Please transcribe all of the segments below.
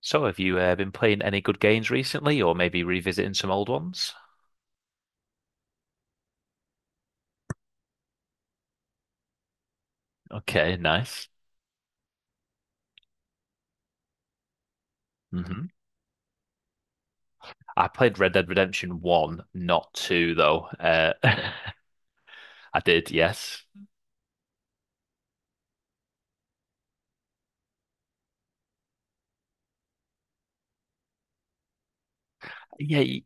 So, have you been playing any good games recently, or maybe revisiting some old ones? Okay, nice. Hmm. I played Red Dead Redemption 1, not 2, though. I did, yes. Yeah, y-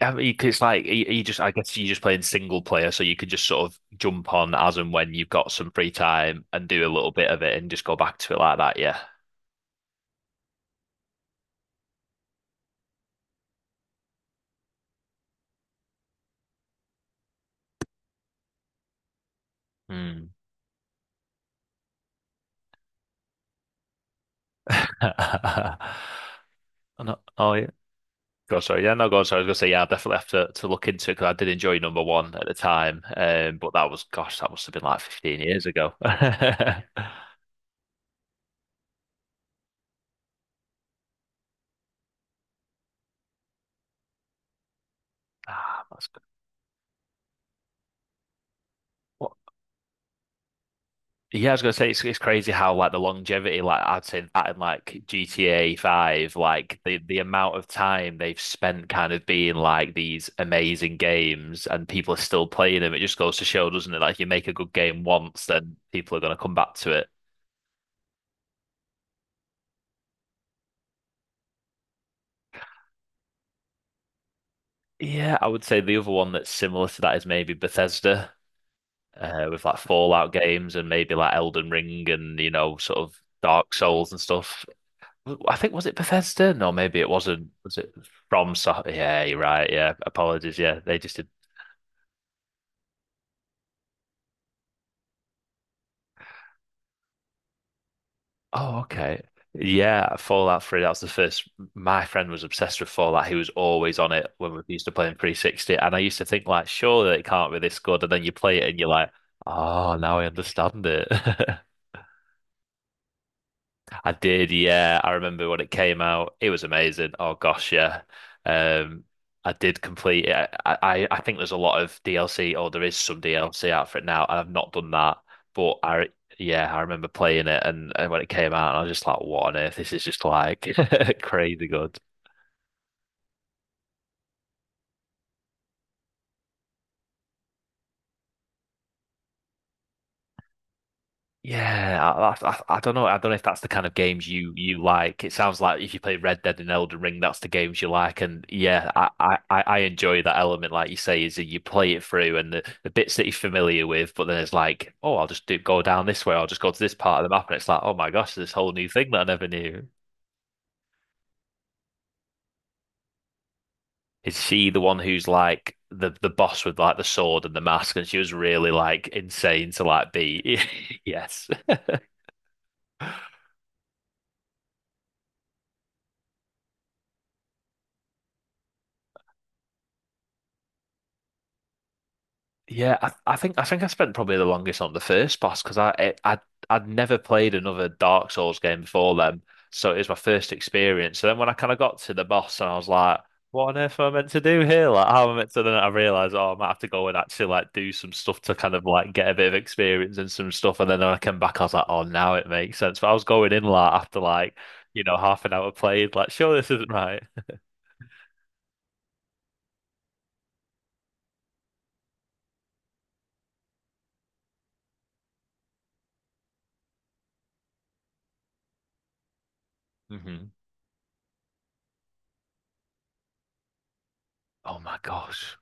I mean, 'cause it's like you just, I guess you're just playing single player, so you could just sort of jump on as and when you've got some free time and do a little bit of it and just go back to it like that, yeah. Hmm. Oh, no. Oh, yeah. Go sorry, yeah, no, go sorry. I was gonna say, yeah, I definitely have to look into it because I did enjoy number one at the time. But that was, gosh, that must have been like 15 years ago. Ah, that's good. What? Yeah, I was gonna say it's crazy how like the longevity, like I'd say that in like GTA 5, like the amount of time they've spent kind of being like these amazing games and people are still playing them. It just goes to show, doesn't it? Like you make a good game once, then people are gonna come back to it. Yeah, I would say the other one that's similar to that is maybe Bethesda. With like Fallout games and maybe like Elden Ring and you know sort of Dark Souls and stuff. I think was it Bethesda? No, maybe it wasn't. Was it from? So yeah, you're right. Yeah, apologies. Yeah, they just did. Oh, okay. Yeah, Fallout 3, that was the first. My friend was obsessed with Fallout. He was always on it when we used to play in 360. And I used to think, like, surely it can't be this good. And then you play it and you're like, oh, now I understand it. I did, yeah. I remember when it came out. It was amazing. Oh gosh, yeah. Um, I did complete it. I think there's a lot of DLC, or there is some DLC out for it now. I've not done that, but yeah, I remember playing it and when it came out, and I was just like, what on earth? This is just like crazy good. Yeah, I don't know. I don't know if that's the kind of games you like. It sounds like if you play Red Dead and Elden Ring, that's the games you like. And yeah, I enjoy that element, like you say, is that you play it through and the bits that you're familiar with, but then it's like, oh, I'll just do, go down this way. I'll just go to this part of the map, and it's like, oh my gosh, this whole new thing that I never knew. Is she the one who's like the boss with like the sword and the mask, and she was really like insane to like be? Yes. Yeah, I think I spent probably the longest on the first boss because I'd never played another Dark Souls game before then, so it was my first experience. So then when I kind of got to the boss and I was like, "What on earth am I meant to do here? Like, how am I meant to?" Then I realized, oh, I might have to go and actually like do some stuff to kind of like get a bit of experience and some stuff. And then when I came back, I was like, "Oh, now it makes sense." But I was going in like after like half an hour played, like, "Sure, this isn't right." Hmm. Oh my gosh.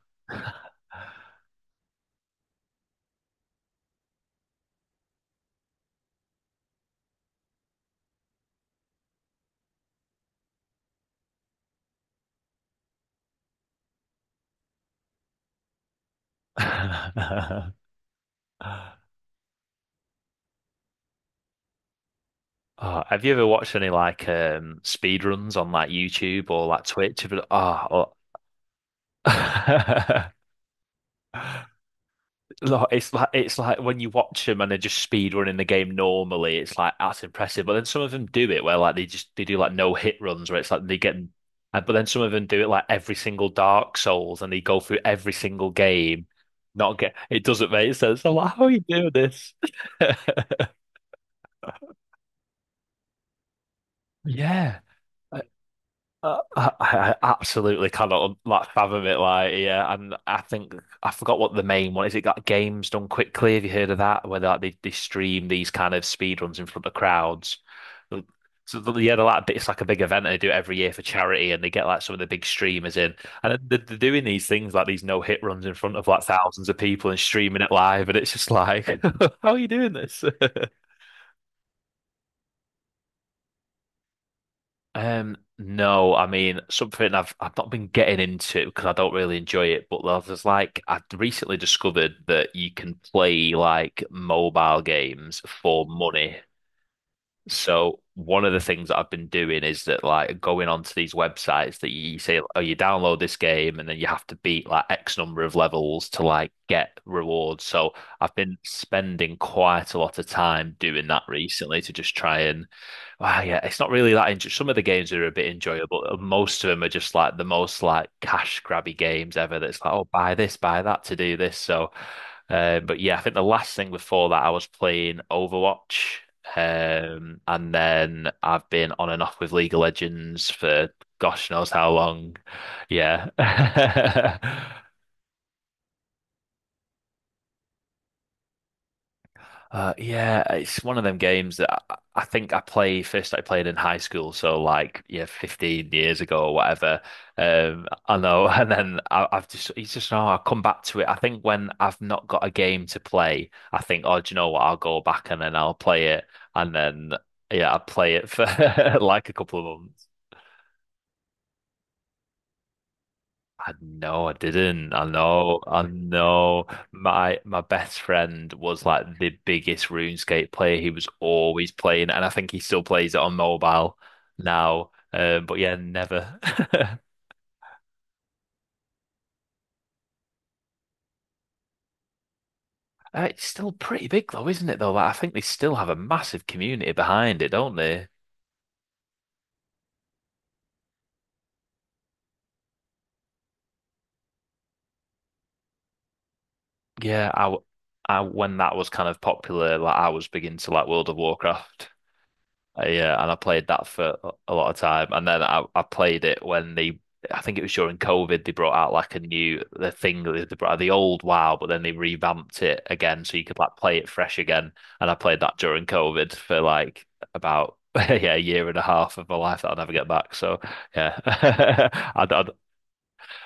Oh, have you ever watched any like speed runs on like YouTube or like Twitch? Oh, oh. Look, it's like when you watch them and they're just speed running the game normally, it's like that's impressive. But then some of them do it where like they do like no hit runs where it's like they get, but then some of them do it like every single Dark Souls and they go through every single game, not get it doesn't make sense. I'm like, how are you doing this? Yeah. I absolutely cannot like fathom it. Like, yeah, and I think I forgot what the main one is. It got games done quickly. Have you heard of that? Where they, like they stream these kind of speed runs in front of crowds. Yeah, they're like it's like a big event. And they do it every year for charity, and they get like some of the big streamers in, and they're doing these things like these no hit runs in front of like thousands of people and streaming it live, and it's just like, how are you doing this? No, I mean something I've not been getting into because I don't really enjoy it. But there's like I recently discovered that you can play like mobile games for money so one of the things that I've been doing is that like going onto these websites that you say, oh, you download this game and then you have to beat like X number of levels to like get rewards. So I've been spending quite a lot of time doing that recently to just try ah, yeah, it's not really that enjoy Some of the games are a bit enjoyable. And most of them are just like the most like cash grabby games ever. That's like, oh, buy this, buy that to do this. So, but yeah, I think the last thing before that I was playing Overwatch. And then I've been on and off with League of Legends for gosh knows how long. Yeah. Yeah, it's one of them games that I think I played in high school, so like yeah, 15 years ago or whatever. I know, and then I've just it's just no, I come back to it. I think when I've not got a game to play, I think, oh, do you know what? I'll go back and then I'll play it, and then yeah, I play it for like a couple of months. I know I didn't. I know. I know. My best friend was like the biggest RuneScape player. He was always playing, and I think he still plays it on mobile now. But yeah, never. It's still pretty big though, isn't it? Though, like, I think they still have a massive community behind it, don't they? Yeah, I, w- I when that was kind of popular, like I was big into like World of Warcraft. Yeah, and I played that for a lot of time, and then I played it when they, I think it was during COVID, they brought out like a new the thing that they brought out the old WoW, but then they revamped it again so you could like play it fresh again. And I played that during COVID for like about yeah a year and a half of my life that I'll never get back. So yeah, I, don't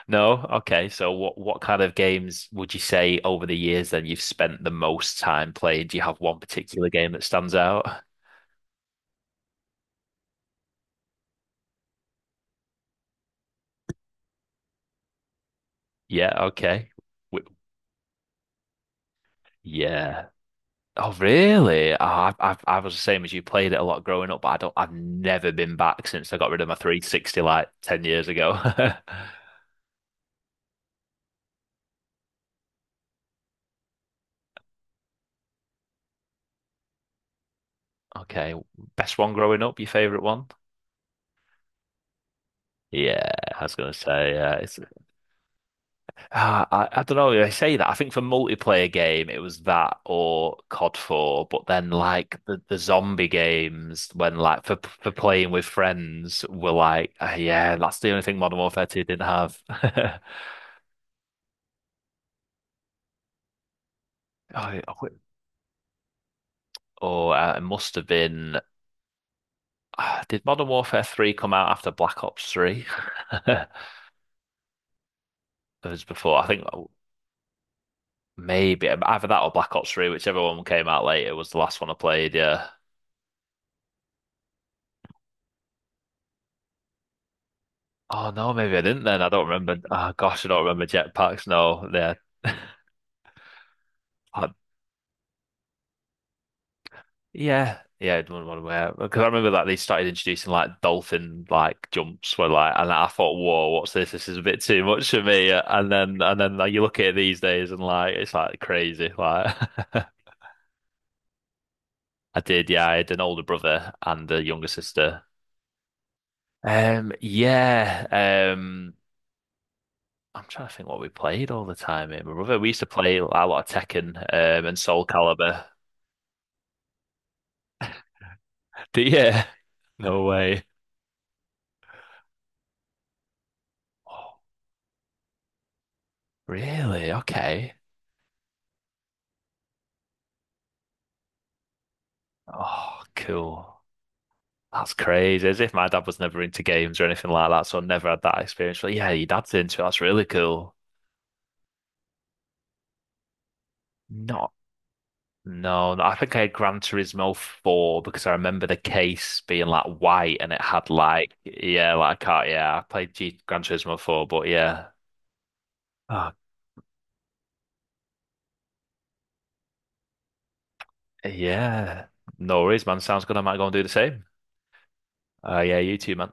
no okay. So what kind of games would you say over the years then you've spent the most time playing? Do you have one particular game that stands out? Yeah, okay. Yeah. Oh, really? Oh, I was the same as you. Played it a lot growing up, but I don't. I've never been back since I got rid of my 360 like 10 years ago. Okay, best one growing up. Your favorite one? Yeah, I was gonna say. Yeah, it's. I don't know. I say that. I think for multiplayer game, it was that or COD 4. But then like the zombie games, when like for playing with friends, were like, ah, yeah, that's the only thing Modern Warfare 2 didn't have. Oh, yeah. Oh, Oh, it must have been. Did Modern Warfare 3 come out after Black Ops 3? It was before. I think oh, maybe either that or Black Ops 3, whichever one came out later was the last one I played. Yeah. Oh, no, maybe I didn't then. I don't remember. Oh, gosh, I don't remember jetpacks. No, yeah. Uh, Yeah. Yeah, I don't want to wear Because I remember that they started introducing like dolphin like jumps where like and I thought, whoa, what's this? This is a bit too much for me. And then like, you look at it these days and like it's like crazy. Like I did, yeah. I had an older brother and a younger sister. Yeah. I'm trying to think what we played all the time. Me and my brother, we used to play a lot of Tekken, and Soul Calibur. Do you? No way. Oh, really? Okay. Oh, cool. That's crazy. As if my dad was never into games or anything like that, so I never had that experience. But yeah, your dad's into it. That's really cool. No. No, no, I think I had Gran Turismo 4 because I remember the case being like white and it had like, yeah, like I can't, yeah, I played G Gran Turismo 4, but yeah. Oh, yeah. No worries, man. Sounds good. I might go and do the same. Yeah, you too, man.